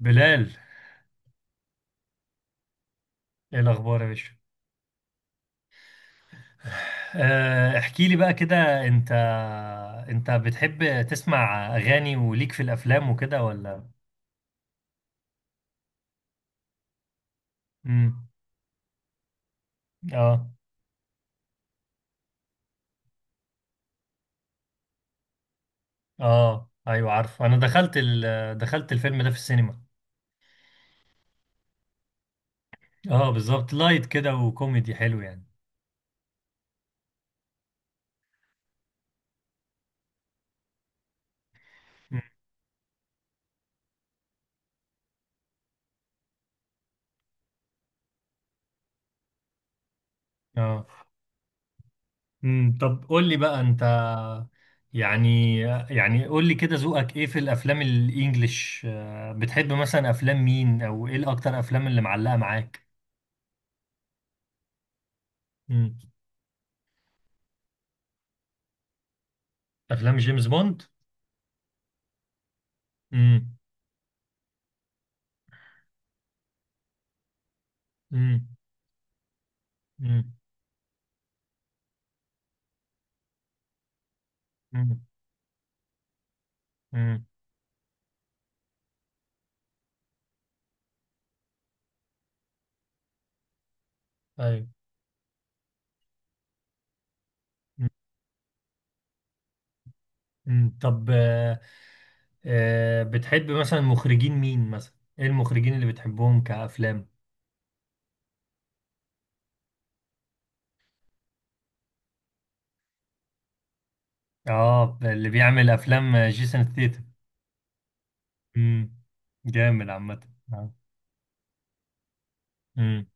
بلال. ايه الاخبار يا باشا؟ احكي لي بقى كده انت بتحب تسمع اغاني وليك في الافلام وكده ولا؟ امم. اه. اه، ايوه، عارف. انا دخلت دخلت الفيلم ده في السينما. اه، بالظبط، لايت كده وكوميدي حلو يعني. مم. اه. امم، طب قول لي بقى انت. يعني يعني قول لي كده، ذوقك ايه في الافلام الانجليش؟ بتحب مثلا افلام مين او ايه الاكتر افلام اللي معلقة معاك؟ افلام جيمس بوند. امم. امم. امم. امم. امم. ايوه. مم. مم. طب بتحب مثلا مخرجين مين مثلا؟ ايه المخرجين اللي بتحبهم كافلام؟ اه، اللي بيعمل افلام جيسون ستيتم. امم. جامد عامه. آه. امم.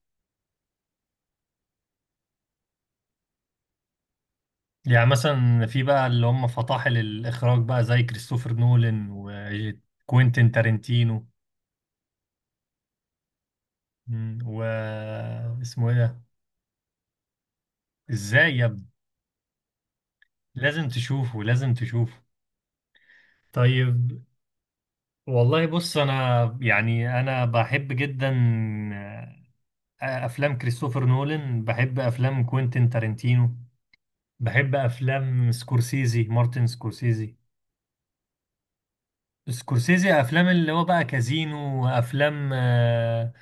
يعني مثلا في بقى اللي هم فطاحل الاخراج بقى زي كريستوفر نولان وكوينتين تارنتينو. امم و اسمه ايه ده؟ ازاي يا ابني؟ لازم تشوفه، لازم تشوفه. طيب. والله بص، انا يعني انا بحب جدا افلام كريستوفر نولان، بحب افلام كوينتين تارنتينو، بحب افلام سكورسيزي، مارتن سكورسيزي. سكورسيزي افلام اللي هو بقى كازينو، وافلام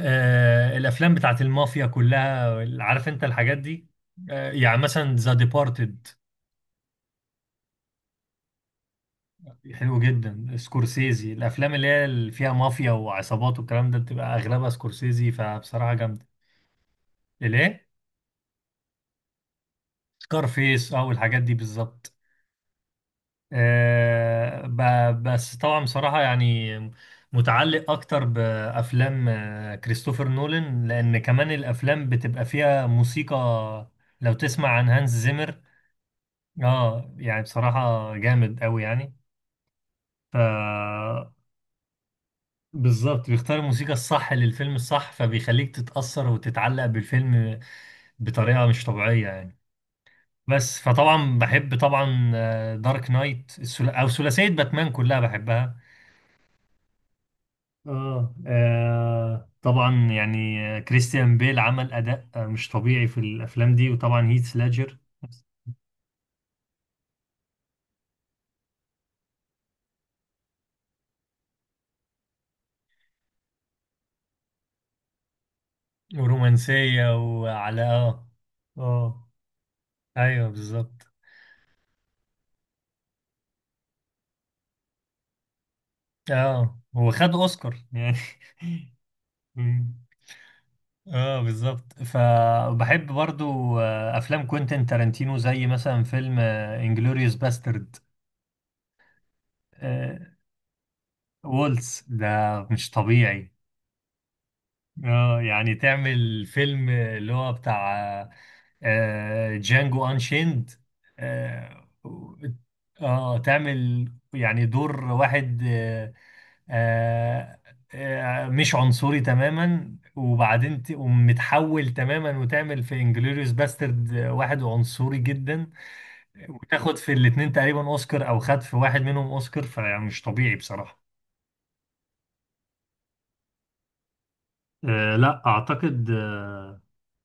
آه، الافلام بتاعت المافيا كلها. عارف انت الحاجات دي. آه يعني مثلا ذا ديبارتد. حلو جدا سكورسيزي، الافلام اللي فيها مافيا وعصابات والكلام ده بتبقى اغلبها سكورسيزي، فبصراحة جامدة. الايه؟ سكارفيس او الحاجات دي بالظبط. آه، بس طبعا بصراحة يعني متعلق اكتر بافلام كريستوفر نولان، لان كمان الافلام بتبقى فيها موسيقى. لو تسمع عن هانز زيمر. اه يعني بصراحة جامد قوي يعني. ف بالظبط بيختار الموسيقى الصح للفيلم الصح، فبيخليك تتأثر وتتعلق بالفيلم بطريقة مش طبيعية يعني. بس فطبعا بحب طبعا دارك نايت او ثلاثيه باتمان كلها بحبها. اه، طبعا يعني كريستيان بيل عمل اداء مش طبيعي في الافلام دي، وطبعا هيث ليدجر. ورومانسيه وعلى، اه. اه، ايوه بالظبط. اه، هو خد اوسكار يعني. مم. اه بالظبط. فبحب برضو افلام كوينتين تارانتينو، زي مثلا فيلم انجلوريوس باسترد. وولز ده مش طبيعي. اه يعني تعمل فيلم اللي هو بتاع جانجو انشيند. اه، تعمل يعني دور واحد آه مش عنصري تماما، وبعدين تقوم متحول تماما وتعمل في انجلوريوس باسترد واحد عنصري جدا، وتاخد في الاتنين تقريبا اوسكار، او خد في واحد منهم اوسكار. فمش طبيعي بصراحة. لا اعتقد.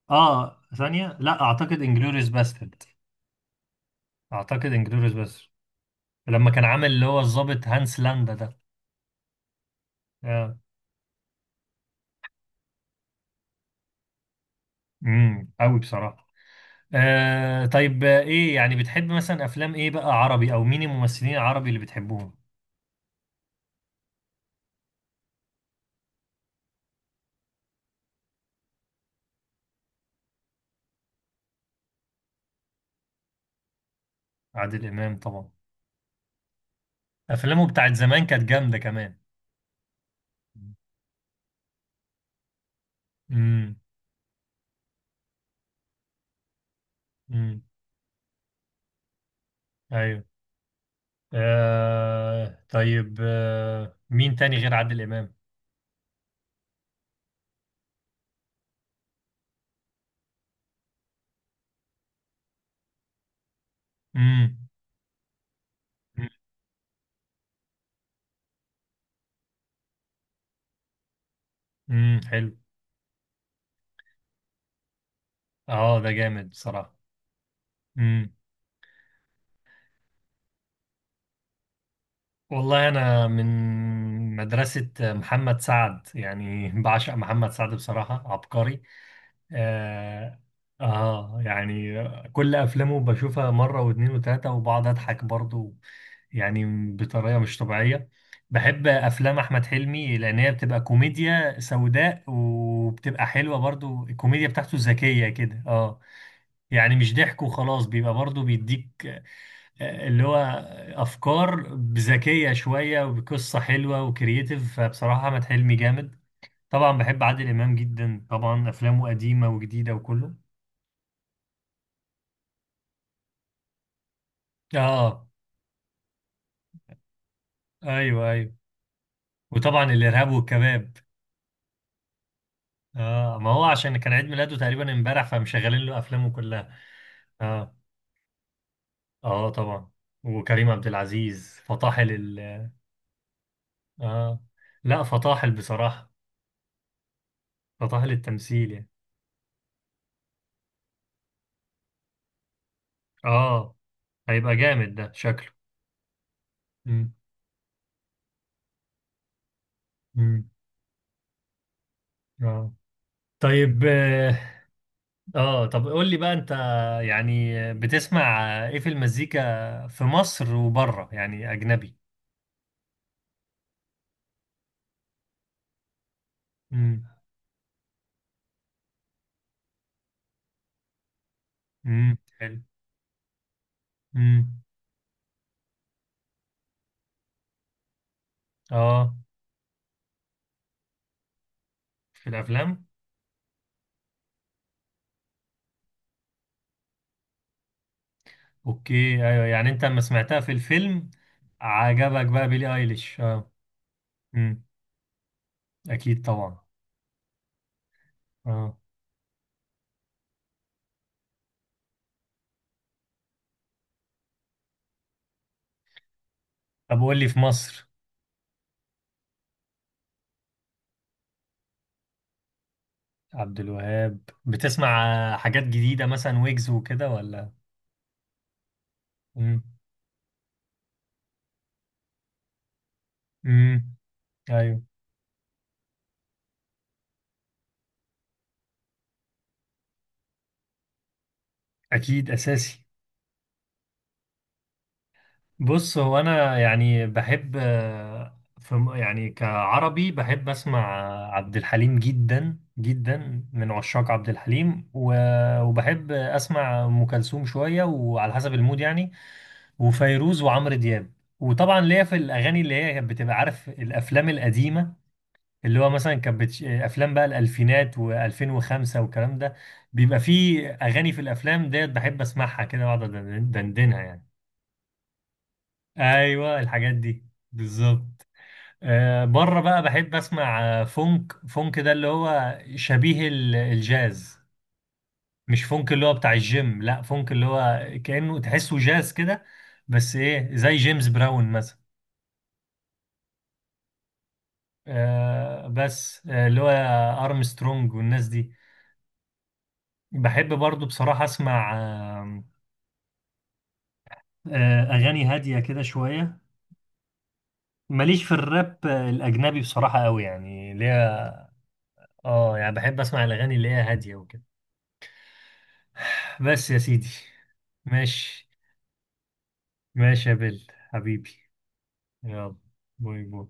اه، ثانية، لا اعتقد انجلوريوس باسترد. اعتقد انجلوريوس باسترد لما كان عامل اللي هو الضابط هانس لاندا ده. آه. امم، قوي بصراحة. آه طيب، ايه يعني بتحب مثلا افلام ايه بقى عربي، او مين الممثلين العربي اللي بتحبوهم؟ عادل امام طبعا. افلامه بتاعت زمان كانت جامدة كمان. امم. امم، ايوه. آه طيب، مين تاني غير عادل امام؟ امم. امم، حلو. اه، ده جامد بصراحة. والله أنا من مدرسة محمد سعد، يعني بعشق محمد سعد، بصراحة عبقري. آه, آه يعني كل أفلامه بشوفها مرة واتنين وتلاتة، وبقعد أضحك برضو، يعني بطريقة مش طبيعية. بحب أفلام أحمد حلمي، لأن هي بتبقى كوميديا سوداء وبتبقى حلوة برضو، الكوميديا بتاعته ذكية كده، اه، يعني مش ضحك وخلاص، بيبقى برضو بيديك اللي هو افكار ذكيه شويه وقصه حلوه وكرييتيف، فبصراحه احمد حلمي جامد. طبعا بحب عادل امام جدا، طبعا افلامه قديمه وجديده وكله. اه. ايوه، ايوه. وطبعا الارهاب والكباب. اه، ما هو عشان كان عيد ميلاده تقريبا امبارح، فمشغلين له افلامه كلها. اه. اه طبعا. وكريم عبد العزيز، فطاحل اه، لا، فطاحل بصراحه، فطاحل التمثيل يعني. اه، هيبقى جامد ده شكله. امم. امم. اه طيب، اه، طب قول لي بقى انت، يعني بتسمع ايه في المزيكا في مصر وبره يعني اجنبي؟ امم. امم، حلو. امم. اه، في الافلام. اوكي. ايوه، يعني انت لما سمعتها في الفيلم عجبك بقى بيلي ايليش، اه. امم. اكيد طبعا. اه، طب قول لي في مصر. عبد الوهاب بتسمع؟ حاجات جديدة مثلا ويجز وكده ولا؟ امم. امم، ايوه. اكيد اساسي. بص، هو انا يعني بحب في يعني كعربي بحب اسمع عبد الحليم جدا جدا، من عشاق عبد الحليم. وبحب اسمع ام كلثوم شويه، وعلى حسب المود يعني. وفيروز وعمرو دياب. وطبعا ليا في الاغاني اللي هي كانت بتبقى، عارف، الافلام القديمه، اللي هو مثلا كانت افلام بقى الالفينات و2005 والكلام ده، بيبقى فيه اغاني في الافلام ديت بحب اسمعها كده، واقعد دندنها يعني. ايوه الحاجات دي بالظبط. بره بقى بحب اسمع فونك، فونك ده اللي هو شبيه الجاز. مش فونك اللي هو بتاع الجيم، لا، فونك اللي هو كأنه تحسه جاز كده، بس ايه زي جيمس براون مثلا. بس اللي هو ارمسترونج والناس دي. بحب برضو بصراحة اسمع اغاني هادية كده شوية. ماليش في الراب الاجنبي بصراحة قوي يعني ليه. اه يعني بحب اسمع الاغاني اللي هي هادية وكده. بس يا سيدي. ماشي. ماشي يا بل حبيبي. يلا، باي. باي.